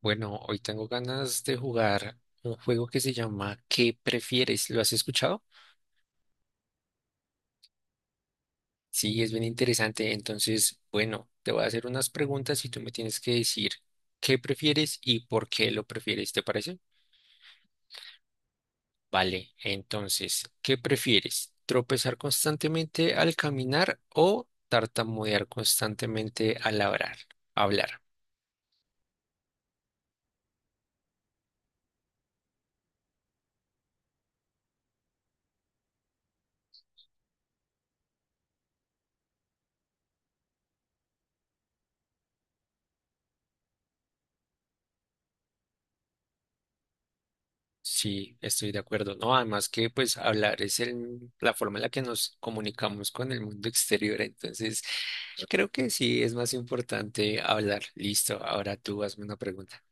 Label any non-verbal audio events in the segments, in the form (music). Bueno, hoy tengo ganas de jugar un juego que se llama ¿Qué prefieres? ¿Lo has escuchado? Sí, es bien interesante. Entonces, bueno, te voy a hacer unas preguntas y tú me tienes que decir qué prefieres y por qué lo prefieres, ¿te parece? Vale, entonces, ¿qué prefieres? ¿Tropezar constantemente al caminar o tartamudear constantemente al hablar? Hablar. Sí, estoy de acuerdo. No, además que pues hablar es la forma en la que nos comunicamos con el mundo exterior. Entonces, creo que sí es más importante hablar. Listo, ahora tú hazme una pregunta.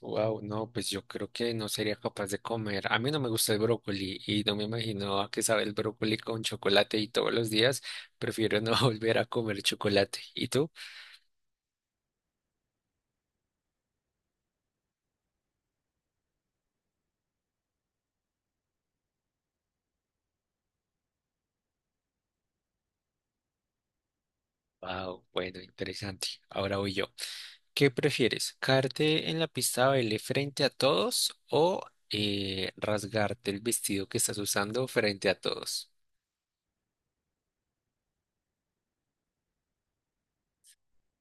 Wow, no, pues yo creo que no sería capaz de comer. A mí no me gusta el brócoli y no me imagino a qué sabe el brócoli con chocolate y todos los días prefiero no (laughs) volver a comer chocolate. ¿Y tú? Wow, bueno, interesante. Ahora voy yo. ¿Qué prefieres? ¿Caerte en la pista de baile frente a todos o rasgarte el vestido que estás usando frente a todos?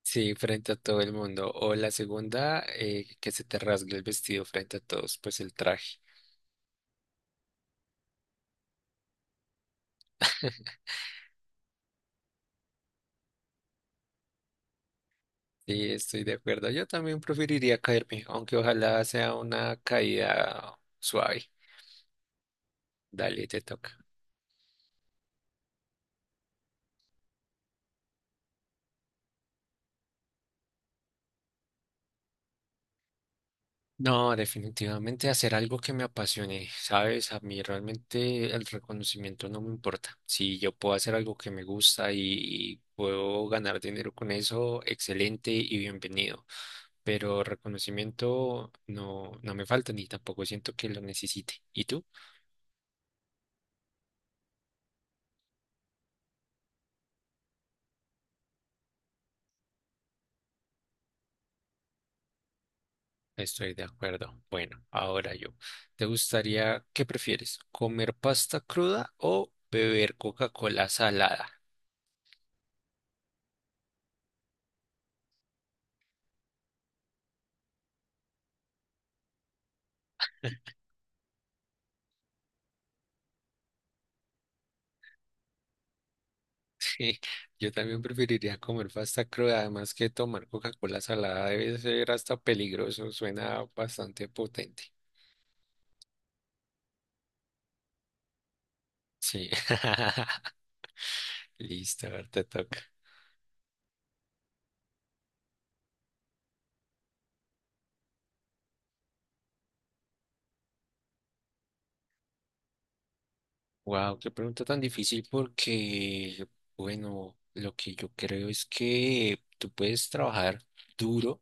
Sí, frente a todo el mundo. O la segunda, que se te rasgue el vestido frente a todos, pues el traje. (laughs) Sí, estoy de acuerdo. Yo también preferiría caerme, aunque ojalá sea una caída suave. Dale, te toca. No, definitivamente hacer algo que me apasione, ¿sabes? A mí realmente el reconocimiento no me importa. Si yo puedo hacer algo que me gusta y puedo ganar dinero con eso, excelente y bienvenido. Pero reconocimiento no me falta ni tampoco siento que lo necesite. ¿Y tú? Estoy de acuerdo. Bueno, ahora yo. ¿Te gustaría, qué prefieres? ¿Comer pasta cruda o beber Coca-Cola salada? Sí, yo también preferiría comer pasta cruda, además que tomar Coca-Cola salada debe ser hasta peligroso, suena bastante potente. Sí, (laughs) listo, a ver, te toca. Wow, qué pregunta tan difícil porque, bueno, lo que yo creo es que tú puedes trabajar duro.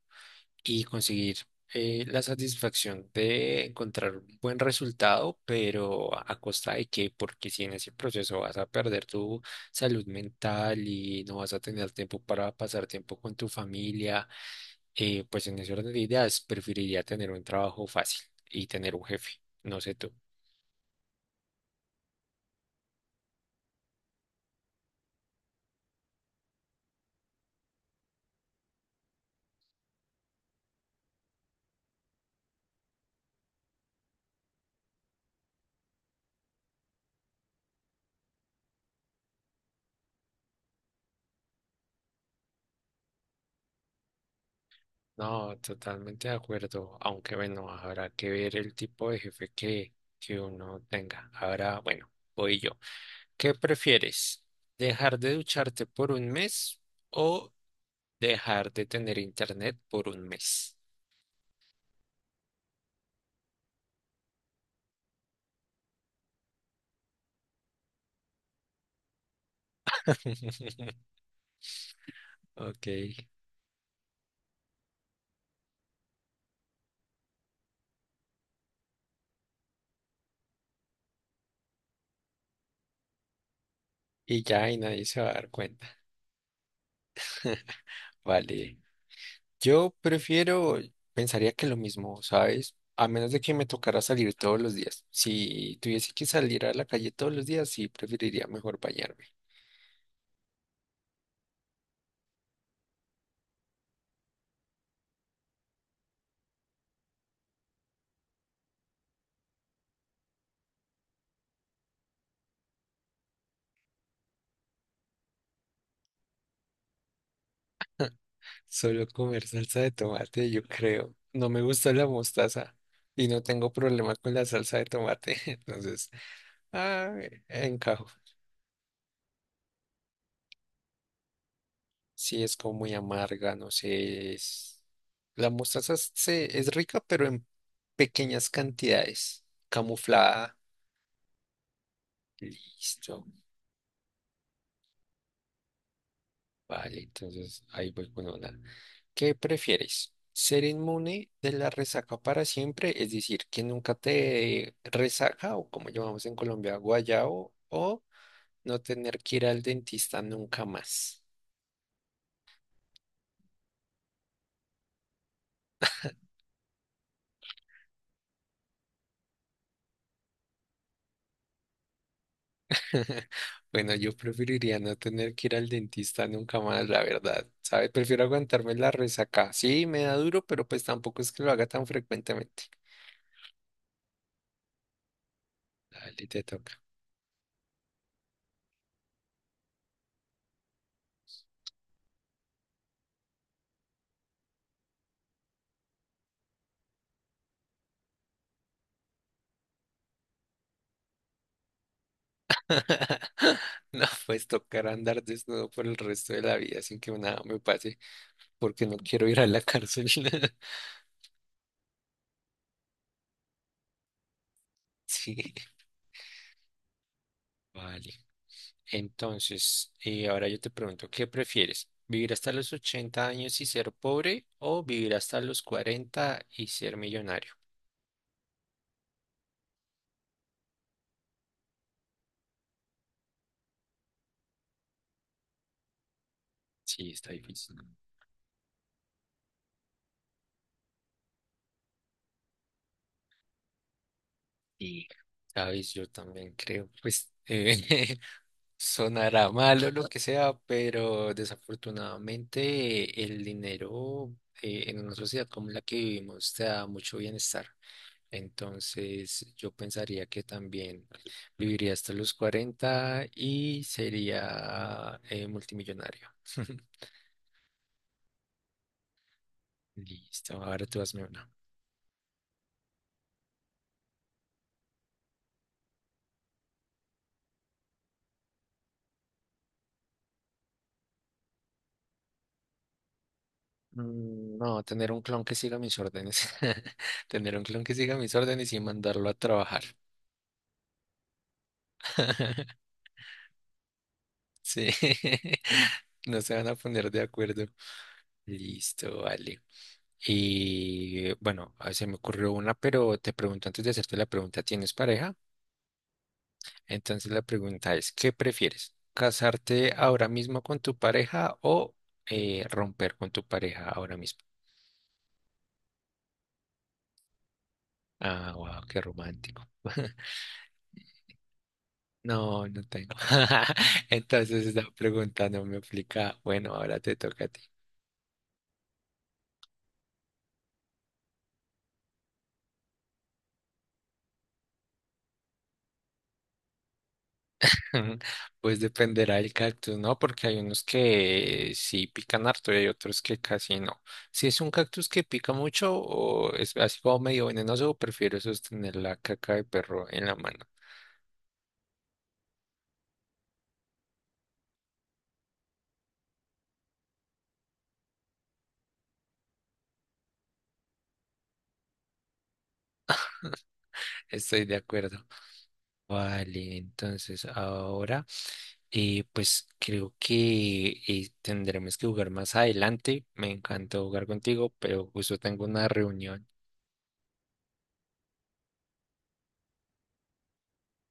Y conseguir la satisfacción de encontrar un buen resultado, pero a costa de qué, porque si en ese proceso vas a perder tu salud mental y no vas a tener tiempo para pasar tiempo con tu familia, pues en ese orden de ideas preferiría tener un trabajo fácil y tener un jefe, no sé tú. No, totalmente de acuerdo, aunque bueno, habrá que ver el tipo de jefe que uno tenga. Ahora, bueno, voy yo. ¿Qué prefieres? ¿Dejar de ducharte por un mes o dejar de tener internet por un mes? (laughs) Ok. Y ya, y nadie se va a dar cuenta. (laughs) Vale. Yo prefiero, pensaría que lo mismo, ¿sabes? A menos de que me tocara salir todos los días. Si tuviese que salir a la calle todos los días, sí preferiría mejor bañarme. Solo comer salsa de tomate, yo creo. No me gusta la mostaza y no tengo problema con la salsa de tomate. (laughs) Entonces, ah, encajo. Sí, es como muy amarga, no sé. La mostaza es rica, pero en pequeñas cantidades, camuflada. Listo. Vale, entonces ahí voy con una. ¿Qué prefieres? ¿Ser inmune de la resaca para siempre? Es decir, que nunca te dé resaca o como llamamos en Colombia, guayao, o no tener que ir al dentista nunca más. (laughs) Bueno, yo preferiría no tener que ir al dentista nunca más, la verdad. ¿Sabes? Prefiero aguantarme la resaca. Sí, me da duro, pero pues tampoco es que lo haga tan frecuentemente. Dale, te toca. (laughs) No, pues tocar andar desnudo por el resto de la vida sin que nada me pase. Porque no quiero ir a la cárcel. (laughs) Sí, vale. Entonces, ahora yo te pregunto, ¿qué prefieres? ¿Vivir hasta los 80 años y ser pobre o vivir hasta los 40 y ser millonario? Sí, está difícil. Y, sabes, yo también creo, pues, (laughs) sonará malo lo que sea, pero desafortunadamente el dinero en una sociedad como la que vivimos te da mucho bienestar. Entonces, yo pensaría que también viviría hasta los 40 y sería multimillonario. (laughs) Listo, ahora tú hazme una. No, tener un clon que siga mis órdenes. (laughs) Tener un clon que siga mis órdenes y mandarlo a trabajar. (laughs) Sí, (laughs) no se van a poner de acuerdo. Listo, vale. Y bueno, ah, se me ocurrió una, pero te pregunto antes de hacerte la pregunta, ¿tienes pareja? Entonces la pregunta es, ¿qué prefieres? ¿Casarte ahora mismo con tu pareja o romper con tu pareja ahora mismo? Ah, wow, qué romántico. (laughs) No, no tengo. (laughs) Entonces esa pregunta no me aplica. Bueno, ahora te toca a ti. (laughs) Pues dependerá del cactus, ¿no? Porque hay unos que sí pican harto y hay otros que casi no. Si es un cactus que pica mucho o es así como medio venenoso, prefiero sostener la caca de perro en la mano. Estoy de acuerdo. Vale, entonces ahora pues creo que tendremos que jugar más adelante. Me encantó jugar contigo, pero justo tengo una reunión.